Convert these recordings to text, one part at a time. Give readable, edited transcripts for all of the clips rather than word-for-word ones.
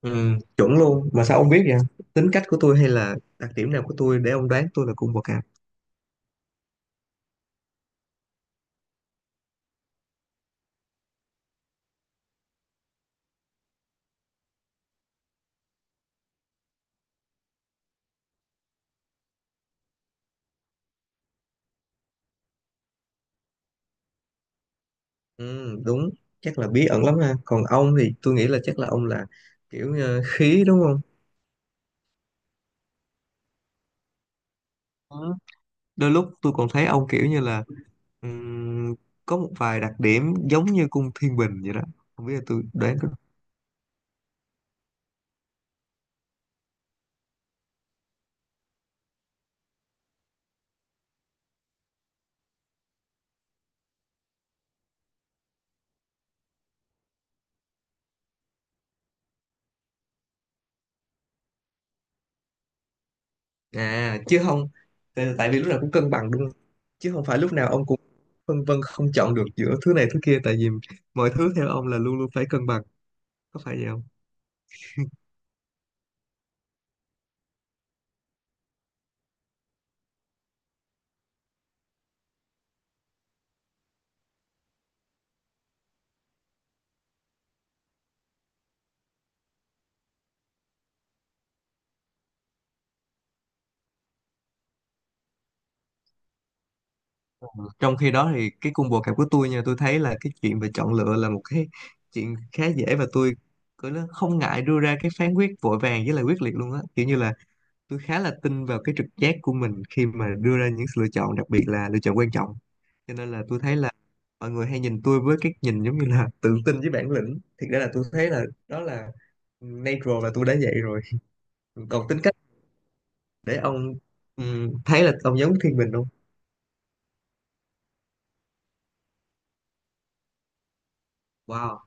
Ừ, chuẩn luôn mà sao ông biết vậy? Tính cách của tôi hay là đặc điểm nào của tôi để ông đoán tôi là cung bậc cảm? Ừ, đúng, chắc là bí ẩn lắm ha. Còn ông thì tôi nghĩ là chắc là ông là kiểu khí, đúng không? Ừ, đôi lúc tôi còn thấy ông kiểu như là ừm, có một vài đặc điểm giống như cung Thiên Bình vậy đó. Không biết là tôi đoán có. À chứ không, tại vì lúc nào cũng cân bằng đúng không, chứ không phải lúc nào ông cũng phân vân không chọn được giữa thứ này thứ kia, tại vì mọi thứ theo ông là luôn luôn phải cân bằng, có phải vậy không? Ờ, trong khi đó thì cái cung combo cạp của tôi nha, tôi thấy là cái chuyện về chọn lựa là một cái chuyện khá dễ, và tôi cứ nó không ngại đưa ra cái phán quyết vội vàng với lại quyết liệt luôn á. Kiểu như là tôi khá là tin vào cái trực giác của mình khi mà đưa ra những sự lựa chọn, đặc biệt là lựa chọn quan trọng. Cho nên là tôi thấy là mọi người hay nhìn tôi với cái nhìn giống như là tự tin với bản lĩnh. Thiệt ra là tôi thấy là đó là natural, là tôi đã vậy rồi. Còn tính cách, để ông thấy là ông giống Thiên Bình không? Wow.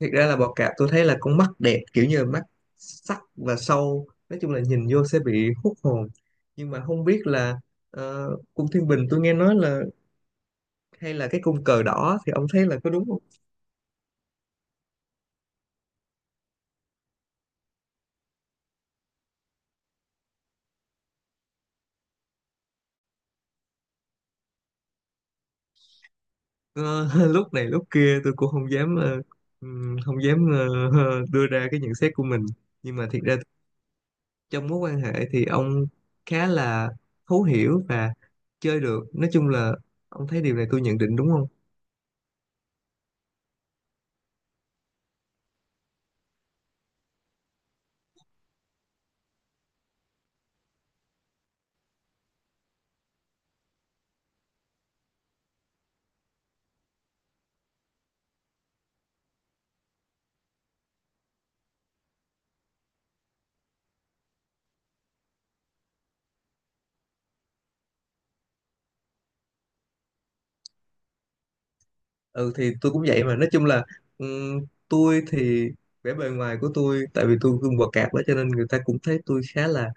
Thực ra là bọ cạp, tôi thấy là con mắt đẹp, kiểu như là mắt sắc và sâu, nói chung là nhìn vô sẽ bị hút hồn. Nhưng mà không biết là cung Thiên Bình tôi nghe nói là hay là cái cung cờ đỏ, thì ông thấy là có đúng không? Ờ, lúc này lúc kia tôi cũng không dám không dám đưa ra cái nhận xét của mình. Nhưng mà thiệt ra, trong mối quan hệ thì ông khá là thấu hiểu và chơi được, nói chung là ông thấy điều này tôi nhận định đúng không? Ừ thì tôi cũng vậy mà, nói chung là ừm, tôi thì vẻ bề ngoài của tôi, tại vì tôi gương quạt cạp đó, cho nên người ta cũng thấy tôi khá là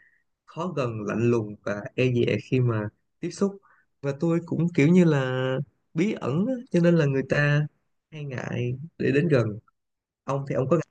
khó gần, lạnh lùng và e dè khi mà tiếp xúc. Và tôi cũng kiểu như là bí ẩn á, cho nên là người ta hay ngại để đến gần. Ông thì ông có ngại?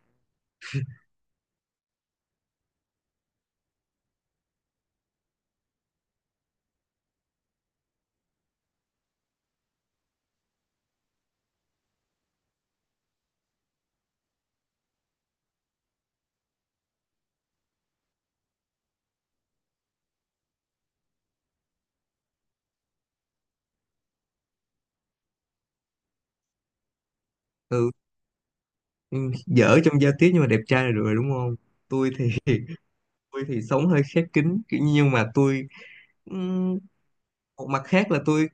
Ừ, dở trong giao tiếp nhưng mà đẹp trai là được rồi đúng không? Tôi thì tôi thì sống hơi khép kín kiểu nhưng mà tôi, ừm, một mặt khác là tôi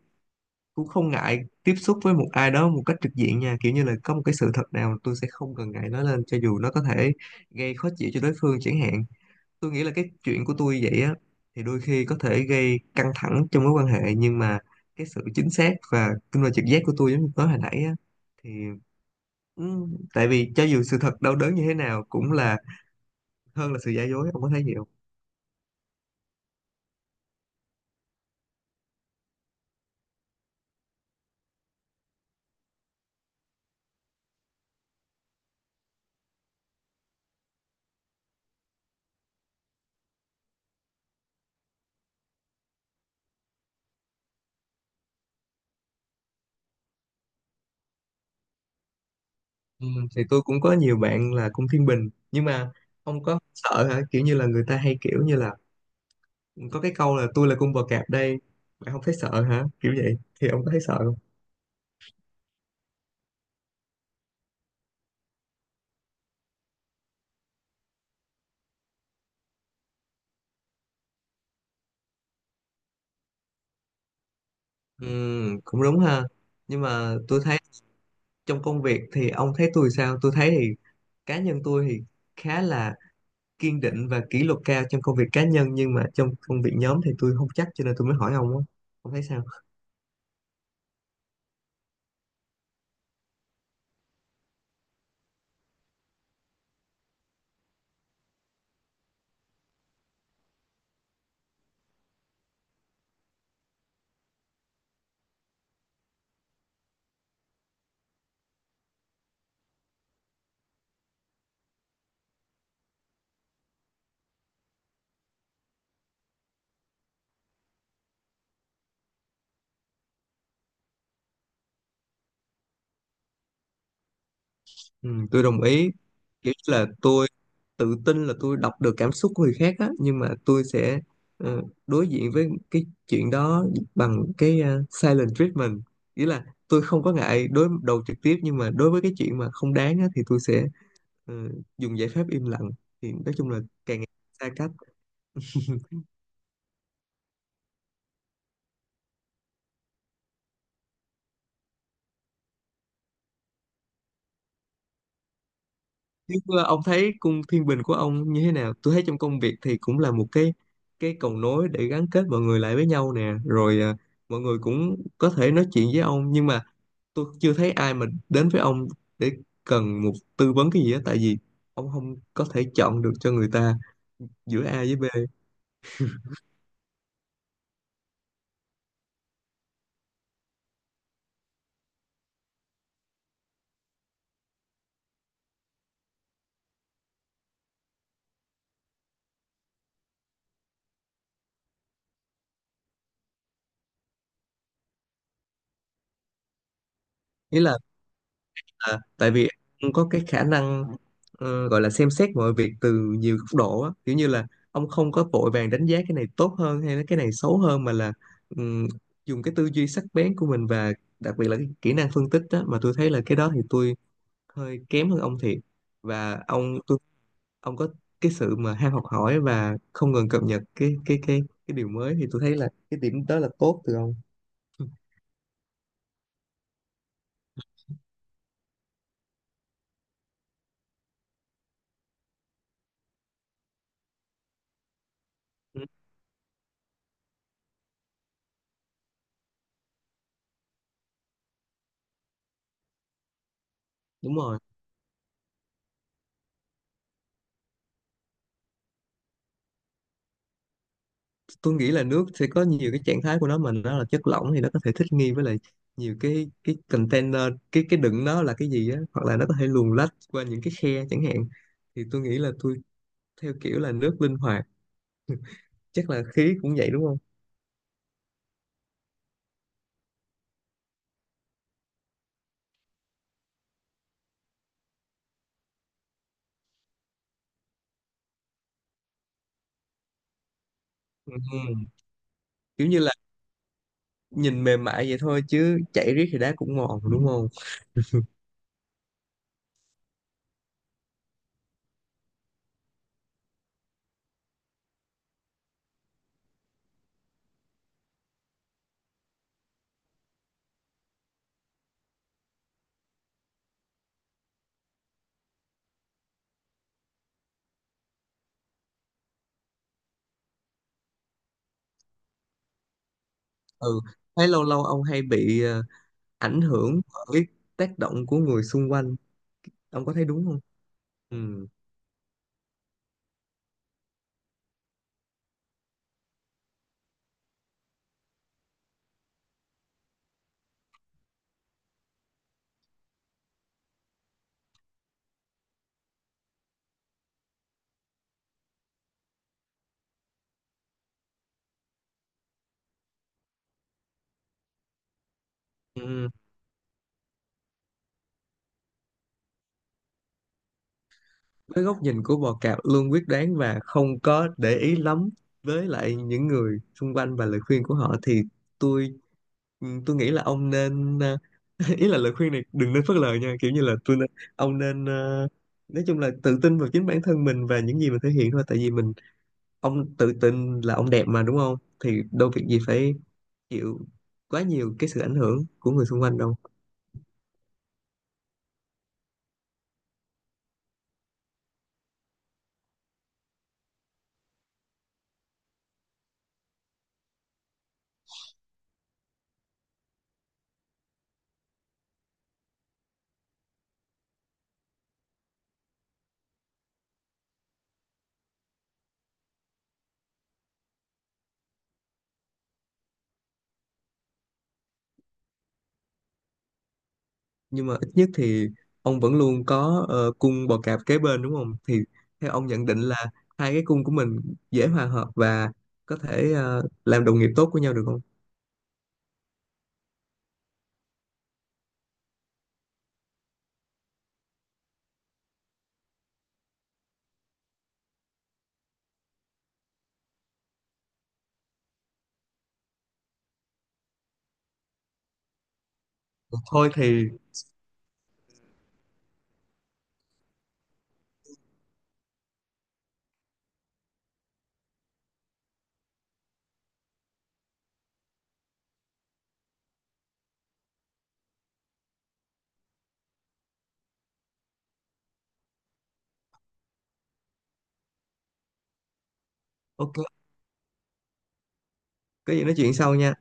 cũng không ngại tiếp xúc với một ai đó một cách trực diện nha. Kiểu như là có một cái sự thật nào tôi sẽ không cần ngại nói lên, cho dù nó có thể gây khó chịu cho đối phương chẳng hạn. Tôi nghĩ là cái chuyện của tôi vậy á, thì đôi khi có thể gây căng thẳng trong mối quan hệ. Nhưng mà cái sự chính xác và kinh nghiệm trực giác của tôi giống như nói hồi nãy á thì ừ, tại vì cho dù sự thật đau đớn như thế nào cũng là hơn là sự giả dối, ông có thấy gì không? Ừ, thì tôi cũng có nhiều bạn là cũng Thiên Bình. Nhưng mà ông có sợ hả, kiểu như là người ta hay kiểu như là có cái câu là "tôi là cung bò cạp đây, bạn không thấy sợ hả" kiểu vậy, thì ông có thấy sợ không? Ừ, cũng đúng ha. Nhưng mà tôi thấy, trong công việc thì ông thấy tôi sao? Tôi thấy thì cá nhân tôi thì khá là kiên định và kỷ luật cao trong công việc cá nhân, nhưng mà trong công việc nhóm thì tôi không chắc, cho nên tôi mới hỏi ông á, ông thấy sao? Ừ, tôi đồng ý. Kiểu là tôi tự tin là tôi đọc được cảm xúc của người khác á, nhưng mà tôi sẽ ờ, đối diện với cái chuyện đó bằng cái silent treatment, nghĩa là tôi không có ngại đối đầu trực tiếp, nhưng mà đối với cái chuyện mà không đáng á thì tôi sẽ ờ, dùng giải pháp im lặng. Thì nói chung là càng ngày xa cách. Chứ ông thấy cung Thiên Bình của ông như thế nào? Tôi thấy trong công việc thì cũng là một cái cầu nối để gắn kết mọi người lại với nhau nè, rồi mọi người cũng có thể nói chuyện với ông. Nhưng mà tôi chưa thấy ai mà đến với ông để cần một tư vấn cái gì á, tại vì ông không có thể chọn được cho người ta giữa A với B. Ý là tại vì ông có cái khả năng gọi là xem xét mọi việc từ nhiều góc độ á, kiểu như là ông không có vội vàng đánh giá cái này tốt hơn hay là cái này xấu hơn, mà là ừm, dùng cái tư duy sắc bén của mình, và đặc biệt là cái kỹ năng phân tích đó. Mà tôi thấy là cái đó thì tôi hơi kém hơn ông thiệt. Và ông có cái sự mà ham học hỏi và không ngừng cập nhật cái cái điều mới, thì tôi thấy là cái điểm đó là tốt từ ông. Ừ, đúng rồi, tôi nghĩ là nước sẽ có nhiều cái trạng thái của nó, mà nó là chất lỏng thì nó có thể thích nghi với lại nhiều cái container, cái đựng nó là cái gì á, hoặc là nó có thể luồn lách qua những cái khe chẳng hạn. Thì tôi nghĩ là tôi theo kiểu là nước linh hoạt. Chắc là khí cũng vậy đúng không? Ừ, kiểu như là nhìn mềm mại vậy thôi chứ chảy riết thì đá cũng mòn đúng không? Ừ, thấy lâu lâu ông hay bị ảnh hưởng bởi tác động của người xung quanh, ông có thấy đúng không? Ừ. Ừ. Với góc nhìn của bò cạp luôn quyết đoán và không có để ý lắm với lại những người xung quanh và lời khuyên của họ, thì tôi ừ, tôi nghĩ là ông nên ý là lời khuyên này đừng nên phớt lờ nha. Kiểu như là tôi nên, ông nên nói chung là tự tin vào chính bản thân mình và những gì mình thể hiện thôi. Tại vì mình, ông tự tin là ông đẹp mà đúng không? Thì đâu việc gì phải chịu quá nhiều cái sự ảnh hưởng của người xung quanh đâu. Nhưng mà ít nhất thì ông vẫn luôn có cung bò cạp kế bên đúng không? Thì theo ông nhận định là hai cái cung của mình dễ hòa hợp và có thể làm đồng nghiệp tốt của nhau được không? Thôi thì OK, có gì nói chuyện sau nha.